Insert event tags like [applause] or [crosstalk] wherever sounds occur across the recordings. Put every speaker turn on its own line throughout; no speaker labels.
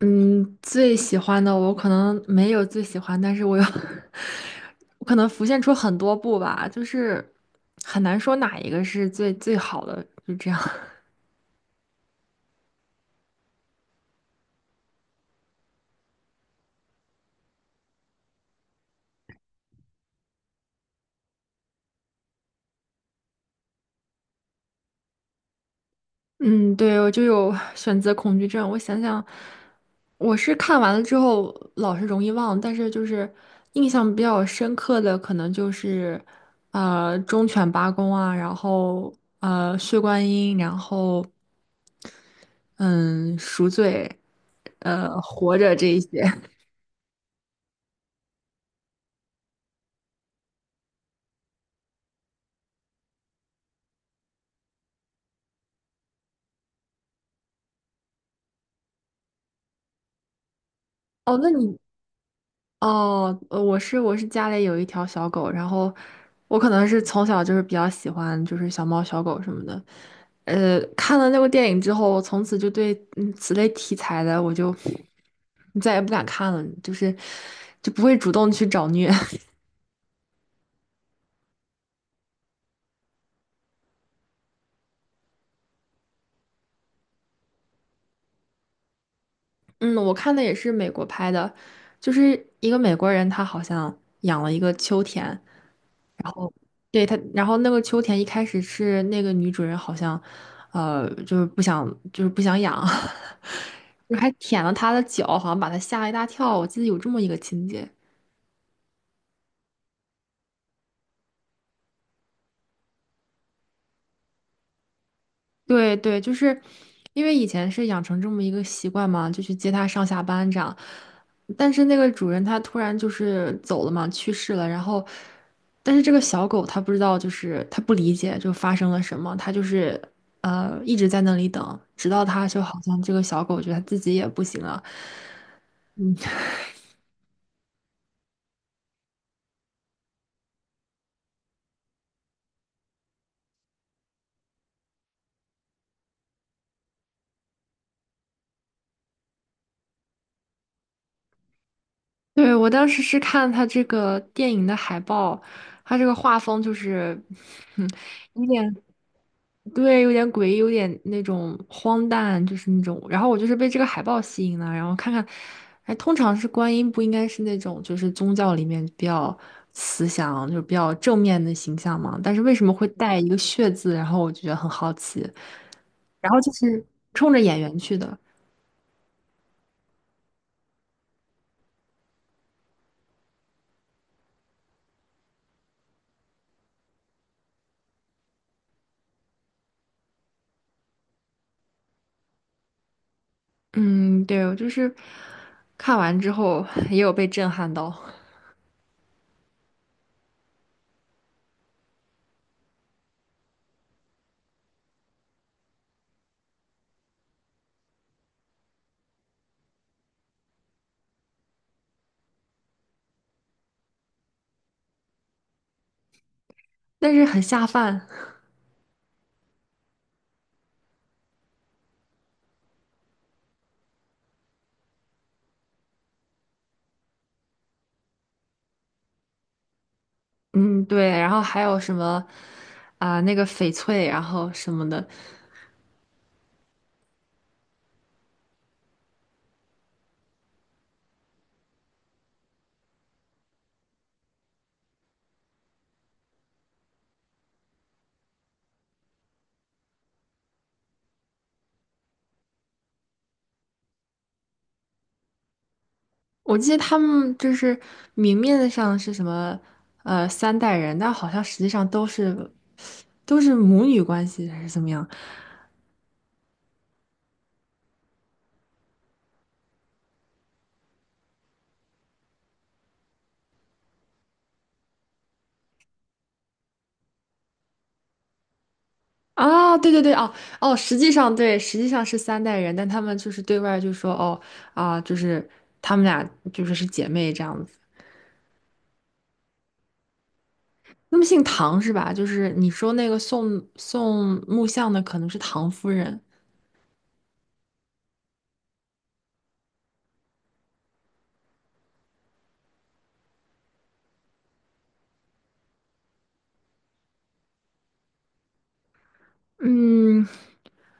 嗯，最喜欢的我可能没有最喜欢，但是我有，[laughs] 我可能浮现出很多部吧，就是很难说哪一个是最最好的，就这样。[laughs] 嗯，对，我就有选择恐惧症。我想想，我是看完了之后老是容易忘，但是就是印象比较深刻的，可能就是忠犬八公啊，然后血观音，然后嗯赎罪，活着这一些。哦，那你哦，我是家里有一条小狗，然后我可能是从小就是比较喜欢就是小猫小狗什么的，看了那部电影之后，我从此就对此类题材的我就再也不敢看了，就是就不会主动去找虐。[laughs] 嗯，我看的也是美国拍的，就是一个美国人他好像养了一个秋田，对他，然后那个秋田一开始是那个女主人好像，就是不想，就是不想养，[laughs] 还舔了他的脚，好像把他吓了一大跳。我记得有这么一个情节。对对，就是因为以前是养成这么一个习惯嘛，就去接他上下班这样。但是那个主人他突然就是走了嘛，去世了。然后，但是这个小狗它不知道，就是它不理解就发生了什么，它就是一直在那里等，直到它就好像这个小狗觉得它自己也不行了。对，我当时是看它这个电影的海报，它这个画风就是，[laughs] 哼，有点。对，有点诡异，有点那种荒诞，就是那种。然后我就是被这个海报吸引了，然后看看，哎，通常是观音不应该是那种就是宗教里面比较慈祥，就是比较正面的形象嘛？但是为什么会带一个血字？然后我就觉得很好奇。然后就是冲着演员去的，嗯，对，我就是看完之后也有被震撼到，但是很下饭，嗯，对。然后还有什么啊、那个翡翠，然后什么的。我记得他们就是明面上是什么三代人，但好像实际上都是母女关系还是怎么样啊？对对对，哦哦，实际上对，实际上是三代人，但他们就是对外就说哦啊，就是他们俩就是是姐妹这样子。那么姓唐是吧？就是你说那个送木像的可能是唐夫人，嗯，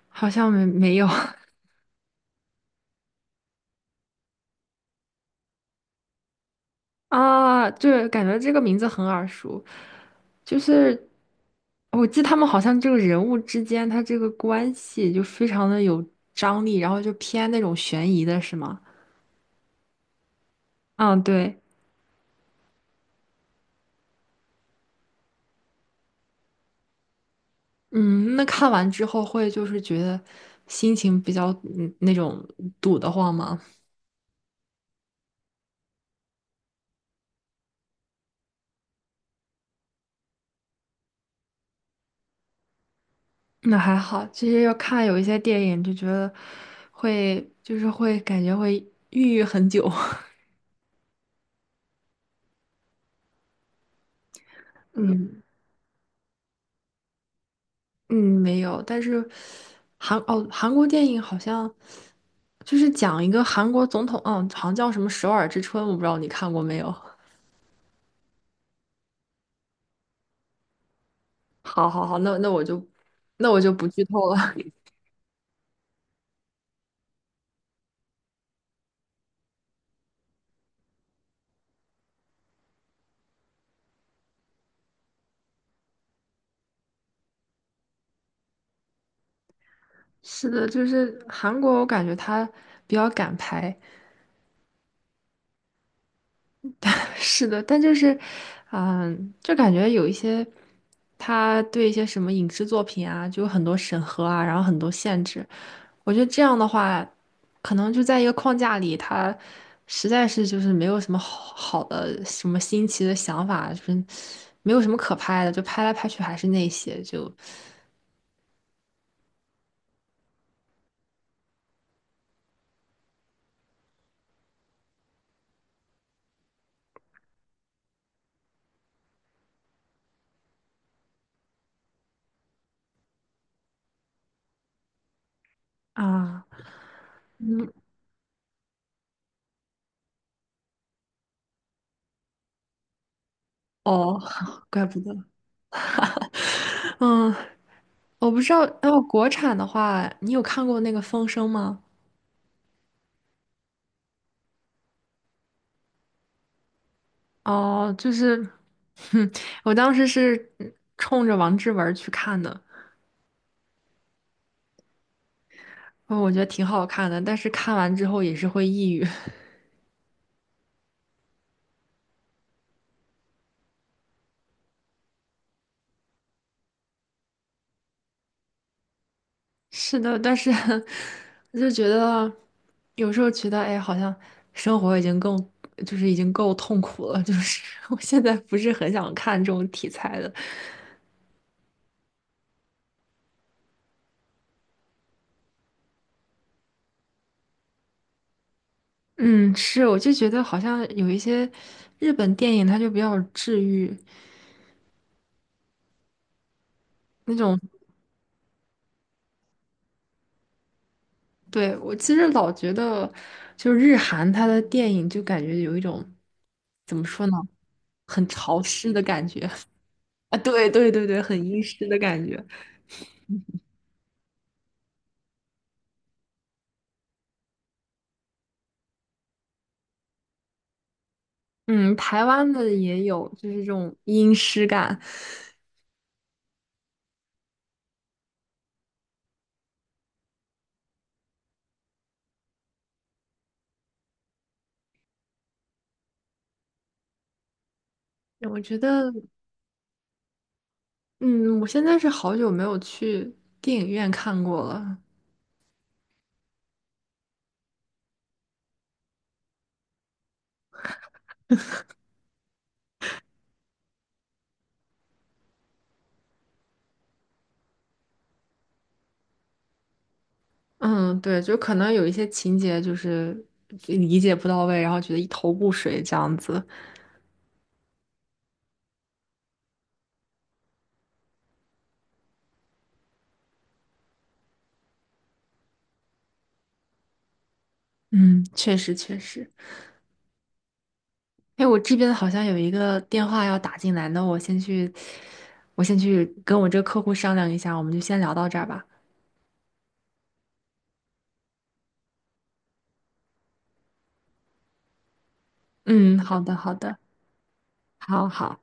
好像没有。[laughs] 啊，对，感觉这个名字很耳熟，就是我记得他们好像这个人物之间他这个关系就非常的有张力，然后就偏那种悬疑的，是吗？嗯，对，嗯，那看完之后会就是觉得心情比较嗯那种堵得慌吗？那还好，其实要看有一些电影就觉得会就是会感觉会抑郁很久，[laughs] 嗯。嗯，没有，但是韩哦，韩国电影好像就是讲一个韩国总统，嗯，好像叫什么《首尔之春》，我不知道你看过没有。[laughs] 好好好，那我就不剧透了。[laughs] 是的，就是韩国，我感觉他比较敢拍。[laughs] 是的，但就是，嗯，就感觉有一些他对一些什么影视作品啊，就有很多审核啊，然后很多限制。我觉得这样的话，可能就在一个框架里，他实在是就是没有什么好好的、什么新奇的想法，就是没有什么可拍的，就拍来拍去还是那些，就啊，嗯，哦，[laughs] 怪不得，嗯，我不知道，哦，国产的话，你有看过那个《风声》吗？哦，就是，哼，我当时是冲着王志文去看的，哦，我觉得挺好看的，但是看完之后也是会抑郁。[laughs] 是的，但是 [laughs] 我就觉得有时候觉得，哎，好像生活已经更就是已经够痛苦了，就是 [laughs] 我现在不是很想看这种题材的。嗯，是，我就觉得好像有一些日本电影，它就比较治愈那种。对，我其实老觉得，就是日韩它的电影就感觉有一种怎么说呢，很潮湿的感觉 [laughs] 啊，对对对对，很阴湿的感觉。嗯，台湾的也有，就是这种阴湿感。我觉得，嗯，我现在是好久没有去电影院看过了。嗯，对，就可能有一些情节就是理解不到位，然后觉得一头雾水这样子。嗯，确实确实。哎，我这边好像有一个电话要打进来，那我先去，我先去跟我这个客户商量一下，我们就先聊到这儿吧。嗯，好的好的，好好。